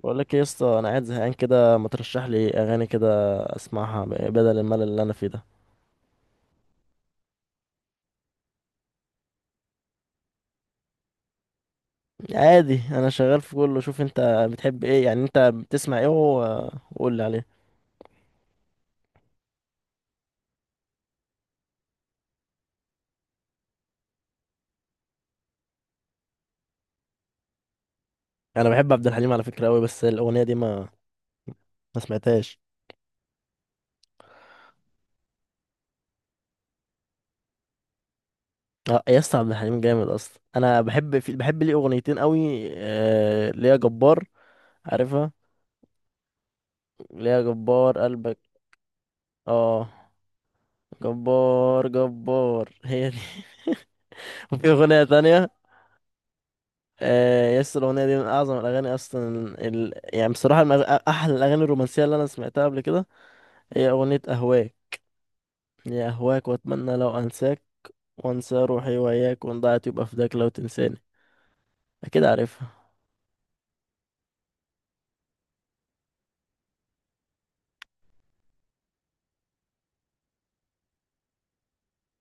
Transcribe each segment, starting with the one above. بقول لك ايه يا اسطى، انا قاعد زهقان كده، ما ترشح لي اغاني كده اسمعها بدل الملل اللي انا فيه ده. عادي، انا شغال في كله. شوف انت بتحب ايه، يعني انت بتسمع ايه وقول لي عليه. انا بحب عبد الحليم على فكره قوي، بس الاغنيه دي ما سمعتهاش. اه يا اسطى، عبد الحليم جامد اصلا. انا بحب ليه اغنيتين قوي. ليا جبار. عارفها؟ ليا جبار قلبك. اه، جبار جبار، هي دي. وفي اغنيه تانية. آه، يس، الأغنية دي من أعظم الأغاني أصلا. يعني بصراحة، من أحلى الأغاني الرومانسية اللي أنا سمعتها قبل كده. هي أغنية أهواك. يا أهواك وأتمنى لو أنساك، وأنسى روحي وإياك، وإن ضاعت يبقى فداك لو تنساني. أكيد عارفها.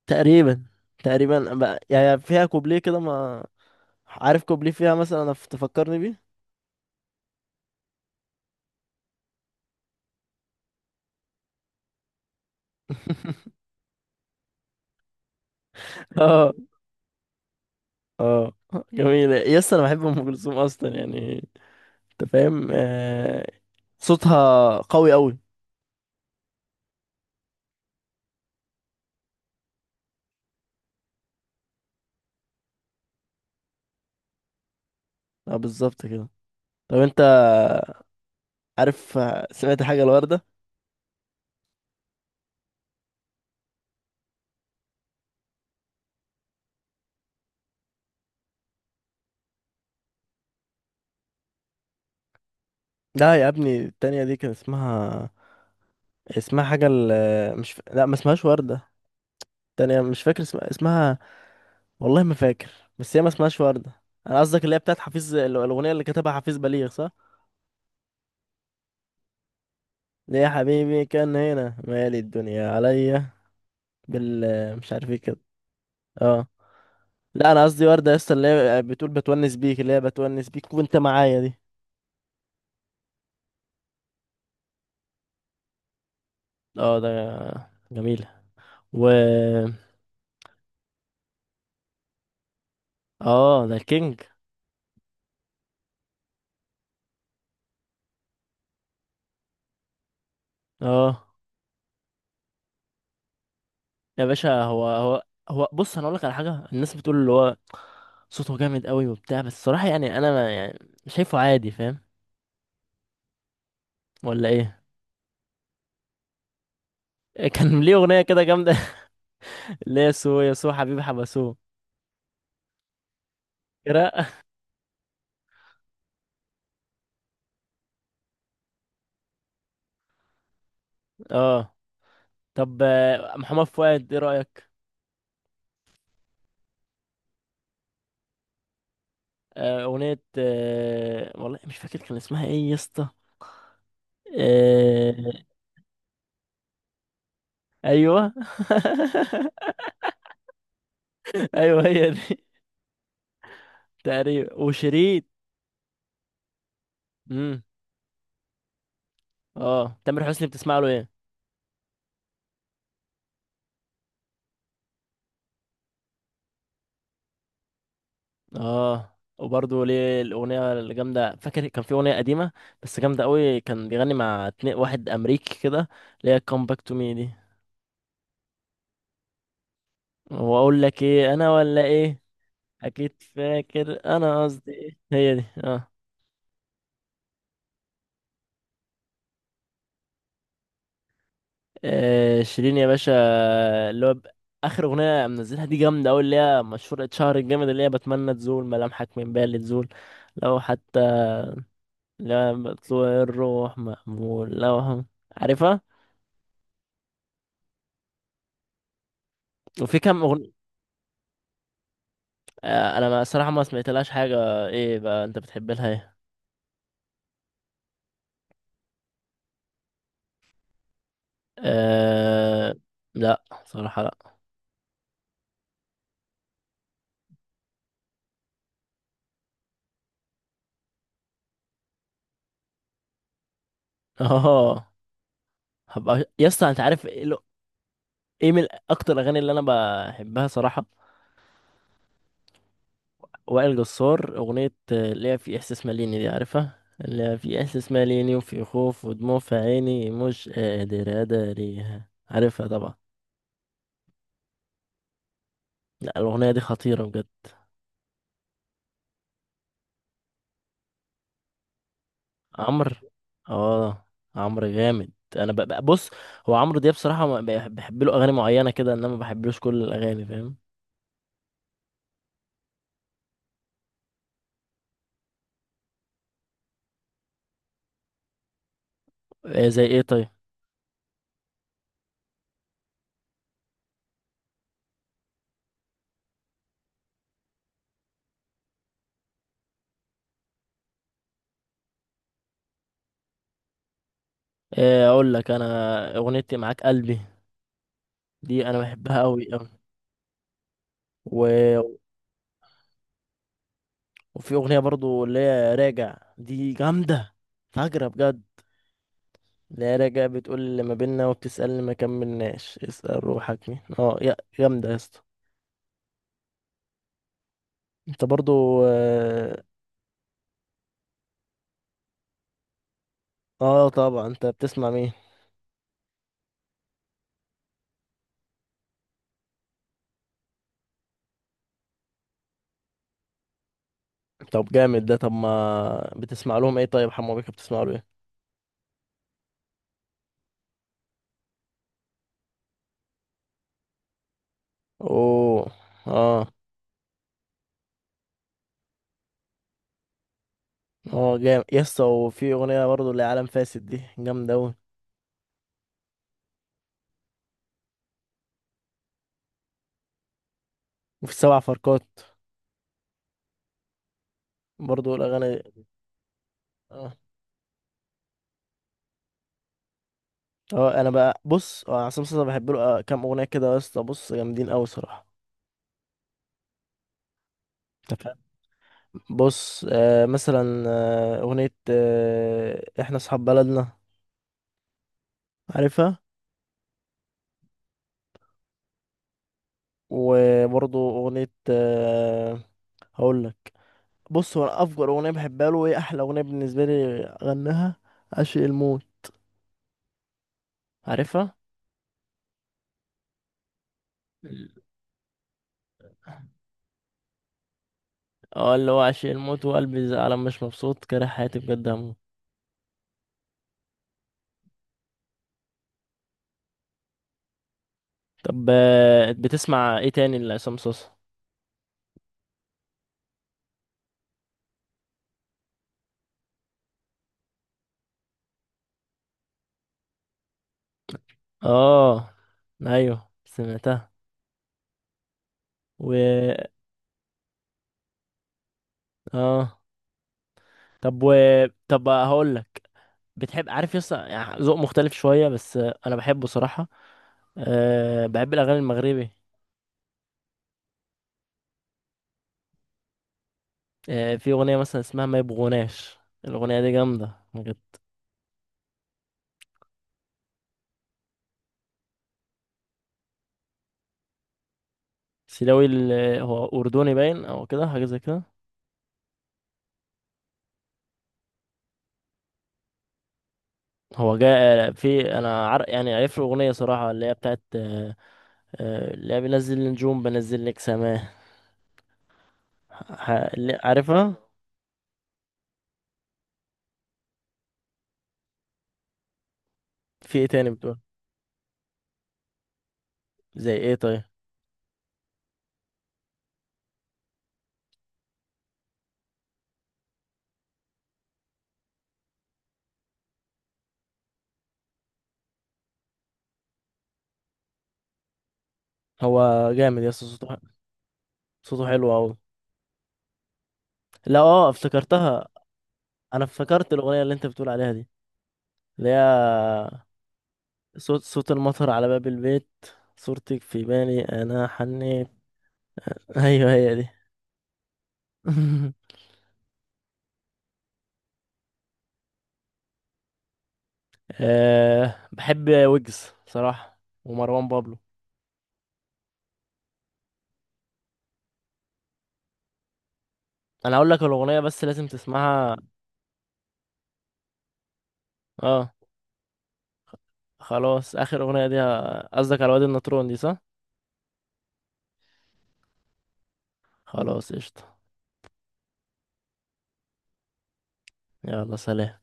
تقريبا. تقريبا بقى، يعني فيها كوبليه كده، ما عارف كوبليه فيها مثلا تفكرني بيه. اه. اه جميلة، يس، أنا بحب أم كلثوم أصلا يعني. أنت فاهم. صوتها قوي أوي. اه، بالظبط كده. طب انت عارف، سمعت حاجة الوردة؟ لا يا ابني، التانية دي كان اسمها حاجة مش لا، ما اسمهاش وردة. التانية مش فاكر اسمها. والله ما فاكر. بس هي ما اسمهاش وردة. انا قصدك اللي هي بتاعت حفيظ، الأغنية اللي كتبها حفيظ بليغ، صح؟ ليه يا حبيبي كان هنا، مالي الدنيا عليا، بال مش عارف ايه كده. اه، لا، انا قصدي وردة يا اسطى، اللي هي بتقول بتونس بيك، اللي هي بتونس بيك وانت معايا دي. اه، ده جميلة. و اه، ده الكينج. اه يا باشا، هو بص، انا اقول لك على حاجه، الناس بتقول اللي هو صوته جامد قوي وبتاع، بس الصراحه يعني انا ما، يعني شايفه عادي. فاهم ولا ايه؟ كان ليه اغنيه كده جامده. اللي هي سو يا سو حبيبي حبسو كده. اه. طب محمد فؤاد، ايه رايك؟ اغنيه، والله مش فاكر كان اسمها ايه يا اسطى. آه، ايوه. ايوه هي دي. تقريبا وشريط. امم اه، تامر حسني بتسمع له ايه؟ اه، وبرضه ليه الاغنيه الجامده، فاكر؟ كان في اغنيه قديمه بس جامده قوي، كان بيغني مع اتنين، واحد امريكي كده، اللي هي كم باك تو مي دي. واقول لك ايه انا ولا ايه. اكيد فاكر انا قصدي ايه. هي دي. اه. شيرين يا باشا، اللي هو اخر اغنيه منزلها دي جامده قوي، اللي هي مشهوره، اتشهر الجامد، اللي هي بتمنى تزول ملامحك من بالي تزول. لو حتى، لا بطلوع الروح مأمول لو هم. عارفها؟ وفي كام أغنية. انا ما صراحة ما سمعتلهاش حاجة. ايه بقى انت بتحب لها ايه؟ أه... لا صراحة، لا. اه. هبقى يا اسطى، انت عارف ايه إيه من اكتر الاغاني اللي انا بحبها صراحة. وائل جسار، اغنية اللي هي في احساس ماليني دي. عارفها؟ اللي هي في احساس ماليني، وفي خوف ودموع في عيني، مش قادر اداريها. عارفها طبعا. لا، الاغنية دي خطيرة. عمرو. اه عمرو جامد. انا بص. هو عمرو دياب بصراحه، ما بحب له اغاني معينه كده، انما ما بحبلوش كل الاغاني. فاهم؟ إيه زي ايه طيب؟ إيه اقول لك انا. اغنيتي معاك قلبي، دي انا بحبها قوي قوي. و... وفي اغنيه برضو اللي هي راجع، دي جامده فجرة بجد. اللي هي راجع بتقول: اللي ما بينا وبتسألني ما كملناش، اسأل روحك مين. اه، يا جامده يا اسطى. انت برضو اه. طبعا، انت بتسمع مين؟ طب جامد ده. طب ما بتسمع لهم ايه طيب، حمو بيكا بتسمع له ايه؟ اوه. اه. اه جامد يسطا، وفي اغنيه برضو اللي هي عالم فاسد، دي جامده اوي. وفي سبع فرقات. برضو الاغاني. اه. اه. انا بقى بص، اه عصام صاصا بحب له كام اغنيه كده يسطا، بص جامدين اوي صراحه. انت فاهم. بص، مثلا اغنيه احنا اصحاب بلدنا. عارفها؟ وبرضو اغنيه هقول. بص هو، أنا افجر اغنيه بحبها له ايه، احلى اغنيه بالنسبه لي غناها، عشق الموت. عارفها؟ اه، اللي هو: عشق الموت وقلبي زعلان، مش مبسوط، كاره حياتي، بجد هموت. طب بتسمع ايه تاني لعصام صوصة؟ اه، ايوه سمعتها. و اه. طب. طب هقول لك. بتحب عارف، يس يعني ذوق مختلف شويه بس، انا بحبه صراحه. أه، بحب الاغاني المغربي. أه، في اغنيه مثلا اسمها ما يبغوناش، الاغنيه دي جامده ما. سيلاوي هو أردني باين، أو كده حاجة زي كده. هو جاء في أنا يعني عارف له أغنية صراحة، اللي هي بتاعت اللي هي بنزل النجوم، بنزل لك سماه. عارفها؟ في إيه تاني بتقول؟ زي إيه طيب؟ هو جامد يا اسطى، صوته حلو أوي. لا أه، افتكرتها. أنا افتكرت الأغنية اللي أنت بتقول عليها دي، اللي هي صوت صوت المطر على باب البيت، صورتك في بالي أنا حنيت. أيوه هي دي. أه، بحب ويجز صراحة، ومروان بابلو. انا هقول لك الاغنية بس لازم تسمعها. اه. خلاص، اخر اغنية دي قصدك على وادي النطرون دي، صح؟ خلاص قشطة. يلا، سلام.